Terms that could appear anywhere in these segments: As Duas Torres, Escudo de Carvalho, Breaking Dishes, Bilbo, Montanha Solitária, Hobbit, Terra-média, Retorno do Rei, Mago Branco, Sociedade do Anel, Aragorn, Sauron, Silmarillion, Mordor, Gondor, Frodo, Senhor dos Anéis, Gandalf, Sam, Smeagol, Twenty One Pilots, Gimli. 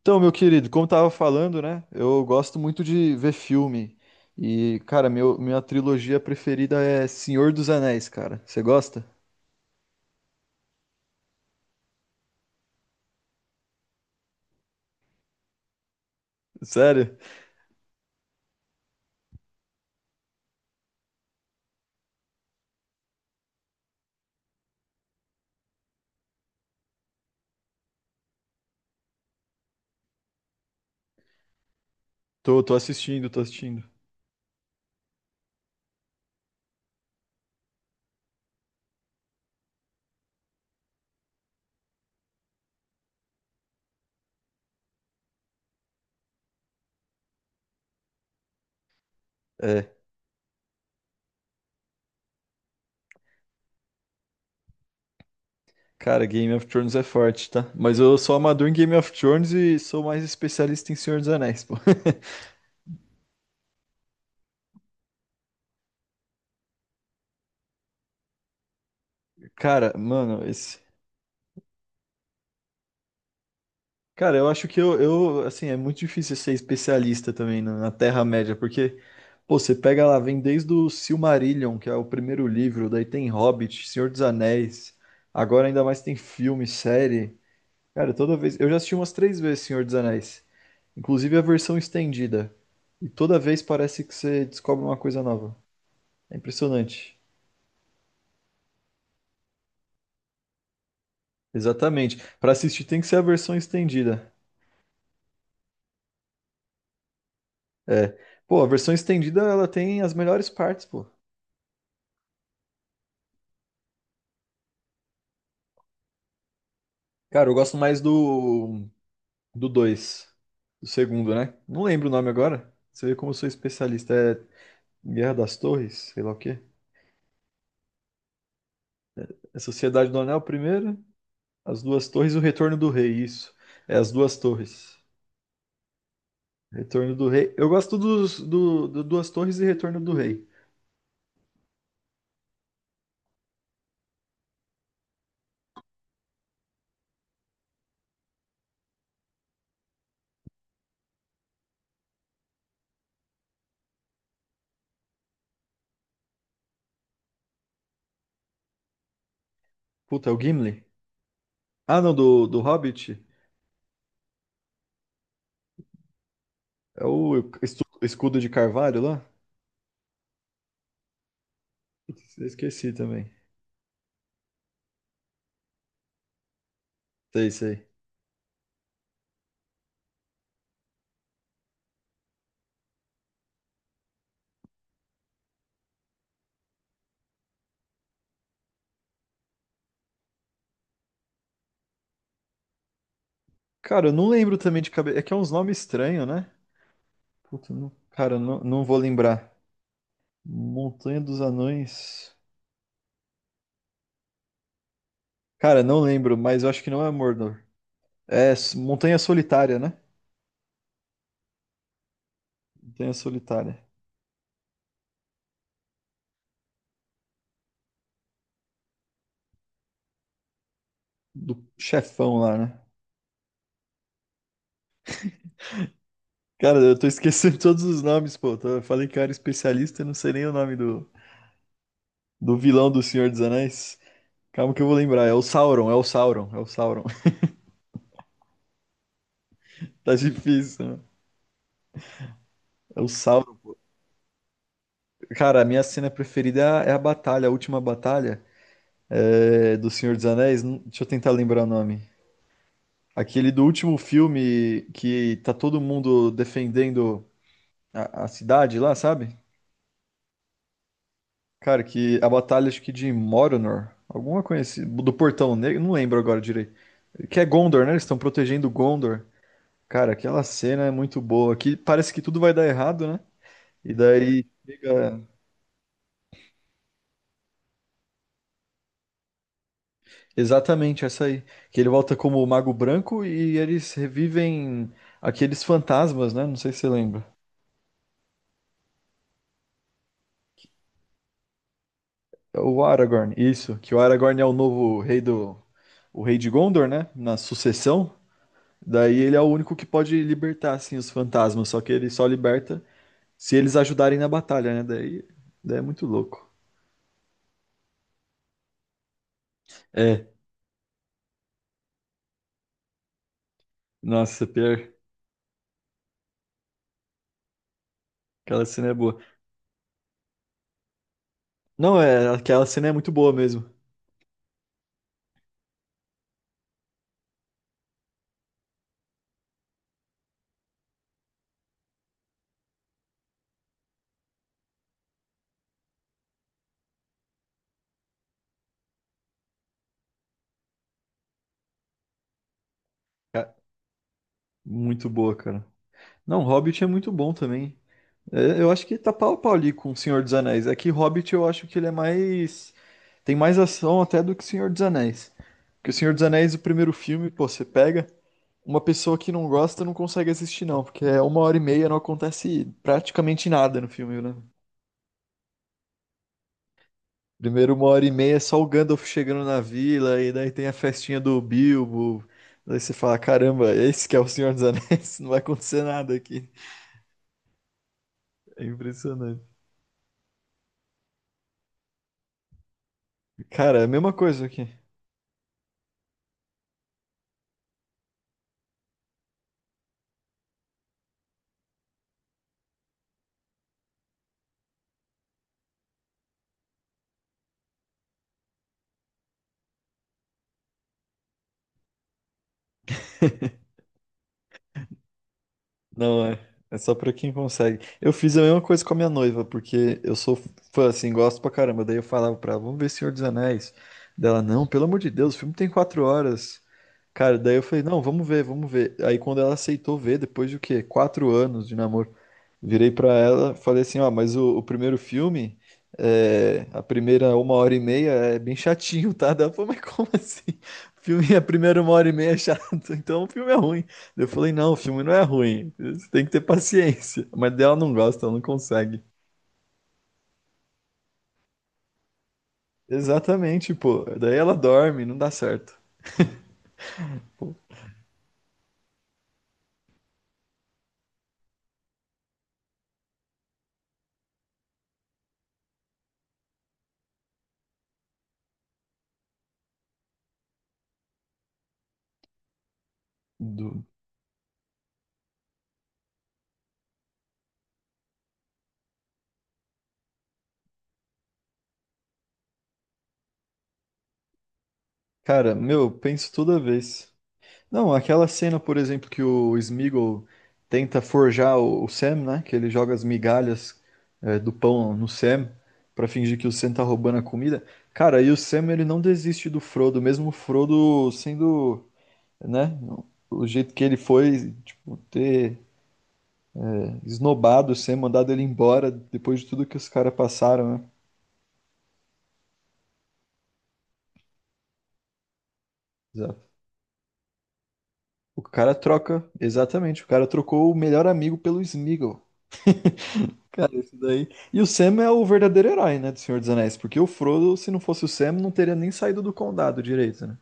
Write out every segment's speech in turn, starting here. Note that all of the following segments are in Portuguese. Então, meu querido, como tava falando, né? Eu gosto muito de ver filme. E, cara, minha trilogia preferida é Senhor dos Anéis, cara. Você gosta? Sério? Tô assistindo, tô assistindo. É. Cara, Game of Thrones é forte, tá? Mas eu sou amador em Game of Thrones e sou mais especialista em Senhor dos Anéis, pô. Cara, mano, esse. Cara, eu acho que eu, assim, é muito difícil ser especialista também na Terra-média, porque, pô, você pega lá, vem desde o Silmarillion, que é o primeiro livro, daí tem Hobbit, Senhor dos Anéis, agora ainda mais tem filme, série. Cara, toda vez. Eu já assisti umas três vezes Senhor dos Anéis, inclusive a versão estendida. E toda vez parece que você descobre uma coisa nova. É impressionante. Exatamente. Pra assistir tem que ser a versão estendida. É. Pô, a versão estendida ela tem as melhores partes, pô. Cara, eu gosto mais do 2, do segundo, né? Não lembro o nome agora. Você vê como eu sou especialista. É Guerra das Torres, sei lá o quê. É Sociedade do Anel, primeiro. As Duas Torres e o Retorno do Rei, isso. É As Duas Torres. Retorno do Rei. Eu gosto do Duas Torres e Retorno do Rei. Puta, é o Gimli? Ah, não, do Hobbit? É o Escudo de Carvalho lá? Putz, eu esqueci também. Sei, sei. Cara, eu não lembro também de cabeça. É que é uns nomes estranhos, né? Puta, cara, não, não vou lembrar. Montanha dos Anões. Cara, não lembro, mas eu acho que não é Mordor. É Montanha Solitária, né? Montanha Solitária. Do chefão lá, né? Cara, eu tô esquecendo todos os nomes, pô. Eu falei que eu era especialista e não sei nem o nome do vilão do Senhor dos Anéis. Calma que eu vou lembrar. É o Sauron, é o Sauron, é o Sauron. Tá difícil, né? É o Sauron. Cara, a minha cena preferida é a batalha, a última batalha do Senhor dos Anéis. Deixa eu tentar lembrar o nome. Aquele do último filme que tá todo mundo defendendo a cidade lá, sabe? Cara, que a batalha acho que de Moronor, alguma conhecida, do Portão Negro, não lembro agora direito. Que é Gondor, né? Eles estão protegendo Gondor. Cara, aquela cena é muito boa. Que parece que tudo vai dar errado, né? E daí chega exatamente essa aí. Que ele volta como o Mago Branco e eles revivem aqueles fantasmas, né? Não sei se você lembra. É o Aragorn, isso, que o Aragorn é o novo rei o rei de Gondor, né? Na sucessão. Daí ele é o único que pode libertar assim os fantasmas, só que ele só liberta se eles ajudarem na batalha, né? Daí é muito louco. É, nossa, pior, aquela cena é boa. Não, é, aquela cena é muito boa mesmo. É, muito boa, cara. Não, Hobbit é muito bom também. É, eu acho que tá pau a pau ali com o Senhor dos Anéis. É que Hobbit eu acho que ele é mais. Tem mais ação até do que o Senhor dos Anéis. Porque o Senhor dos Anéis, o primeiro filme, pô, você pega. Uma pessoa que não gosta não consegue assistir, não. Porque é uma hora e meia, não acontece praticamente nada no filme, né? Primeiro, uma hora e meia é só o Gandalf chegando na vila. E daí tem a festinha do Bilbo. Daí você fala: caramba, esse que é o Senhor dos Anéis. Não vai acontecer nada aqui. É impressionante. Cara, é a mesma coisa aqui. Não é. É só pra quem consegue. Eu fiz a mesma coisa com a minha noiva, porque eu sou fã, assim, gosto pra caramba. Daí eu falava pra ela, vamos ver Senhor dos Anéis. Dela, não, pelo amor de Deus, o filme tem 4 horas. Cara, daí eu falei, não, vamos ver, vamos ver. Aí quando ela aceitou ver, depois de o quê? 4 anos de namoro, virei pra ela, falei assim, ó, mas o primeiro filme, a primeira uma hora e meia é bem chatinho, tá? Daí ela falou, mas como assim? O filme, a primeira uma hora e meia é chato, então o filme é ruim. Eu falei, não, o filme não é ruim. Você tem que ter paciência. Mas dela não gosta, ela não consegue. Exatamente, pô. Daí ela dorme, não dá certo. Pô, do- Cara, meu, eu penso toda vez. Não, aquela cena, por exemplo, que o Smeagol tenta forjar o Sam, né? Que ele joga as migalhas do pão no Sam pra fingir que o Sam tá roubando a comida. Cara, e o Sam, ele não desiste do Frodo, mesmo o Frodo sendo, né? O jeito que ele foi, tipo, ter esnobado ser mandado ele embora depois de tudo que os caras passaram, né? Exato. O cara troca, exatamente, o cara trocou o melhor amigo pelo Smeagol. Cara, isso daí. E o Sam é o verdadeiro herói, né, do Senhor dos Anéis, porque o Frodo, se não fosse o Sam, não teria nem saído do condado direito, né?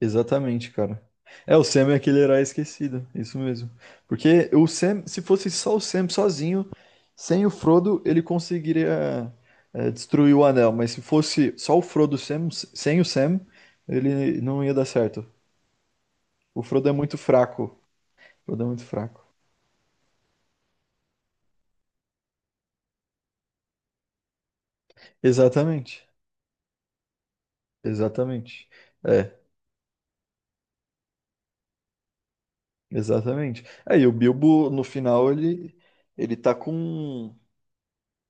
Exatamente, cara. É, o Sam é aquele herói esquecido, isso mesmo. Porque o Sam, se fosse só o Sam sozinho, sem o Frodo, ele conseguiria destruir o anel. Mas se fosse só o Frodo e o Sam, sem o Sam, ele não ia dar certo. O Frodo é muito fraco. O Frodo é muito fraco. Exatamente, exatamente. É, exatamente. Aí o Bilbo, no final, ele tá com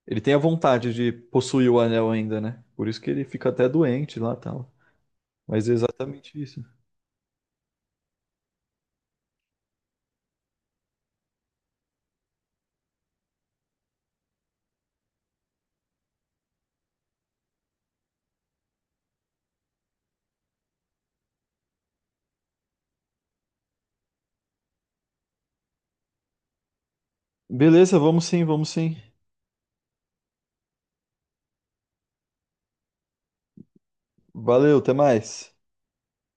Ele tem a vontade de possuir o anel ainda, né? Por isso que ele fica até doente lá e tal. Mas é exatamente isso. Beleza, vamos sim, vamos sim. Valeu, até mais.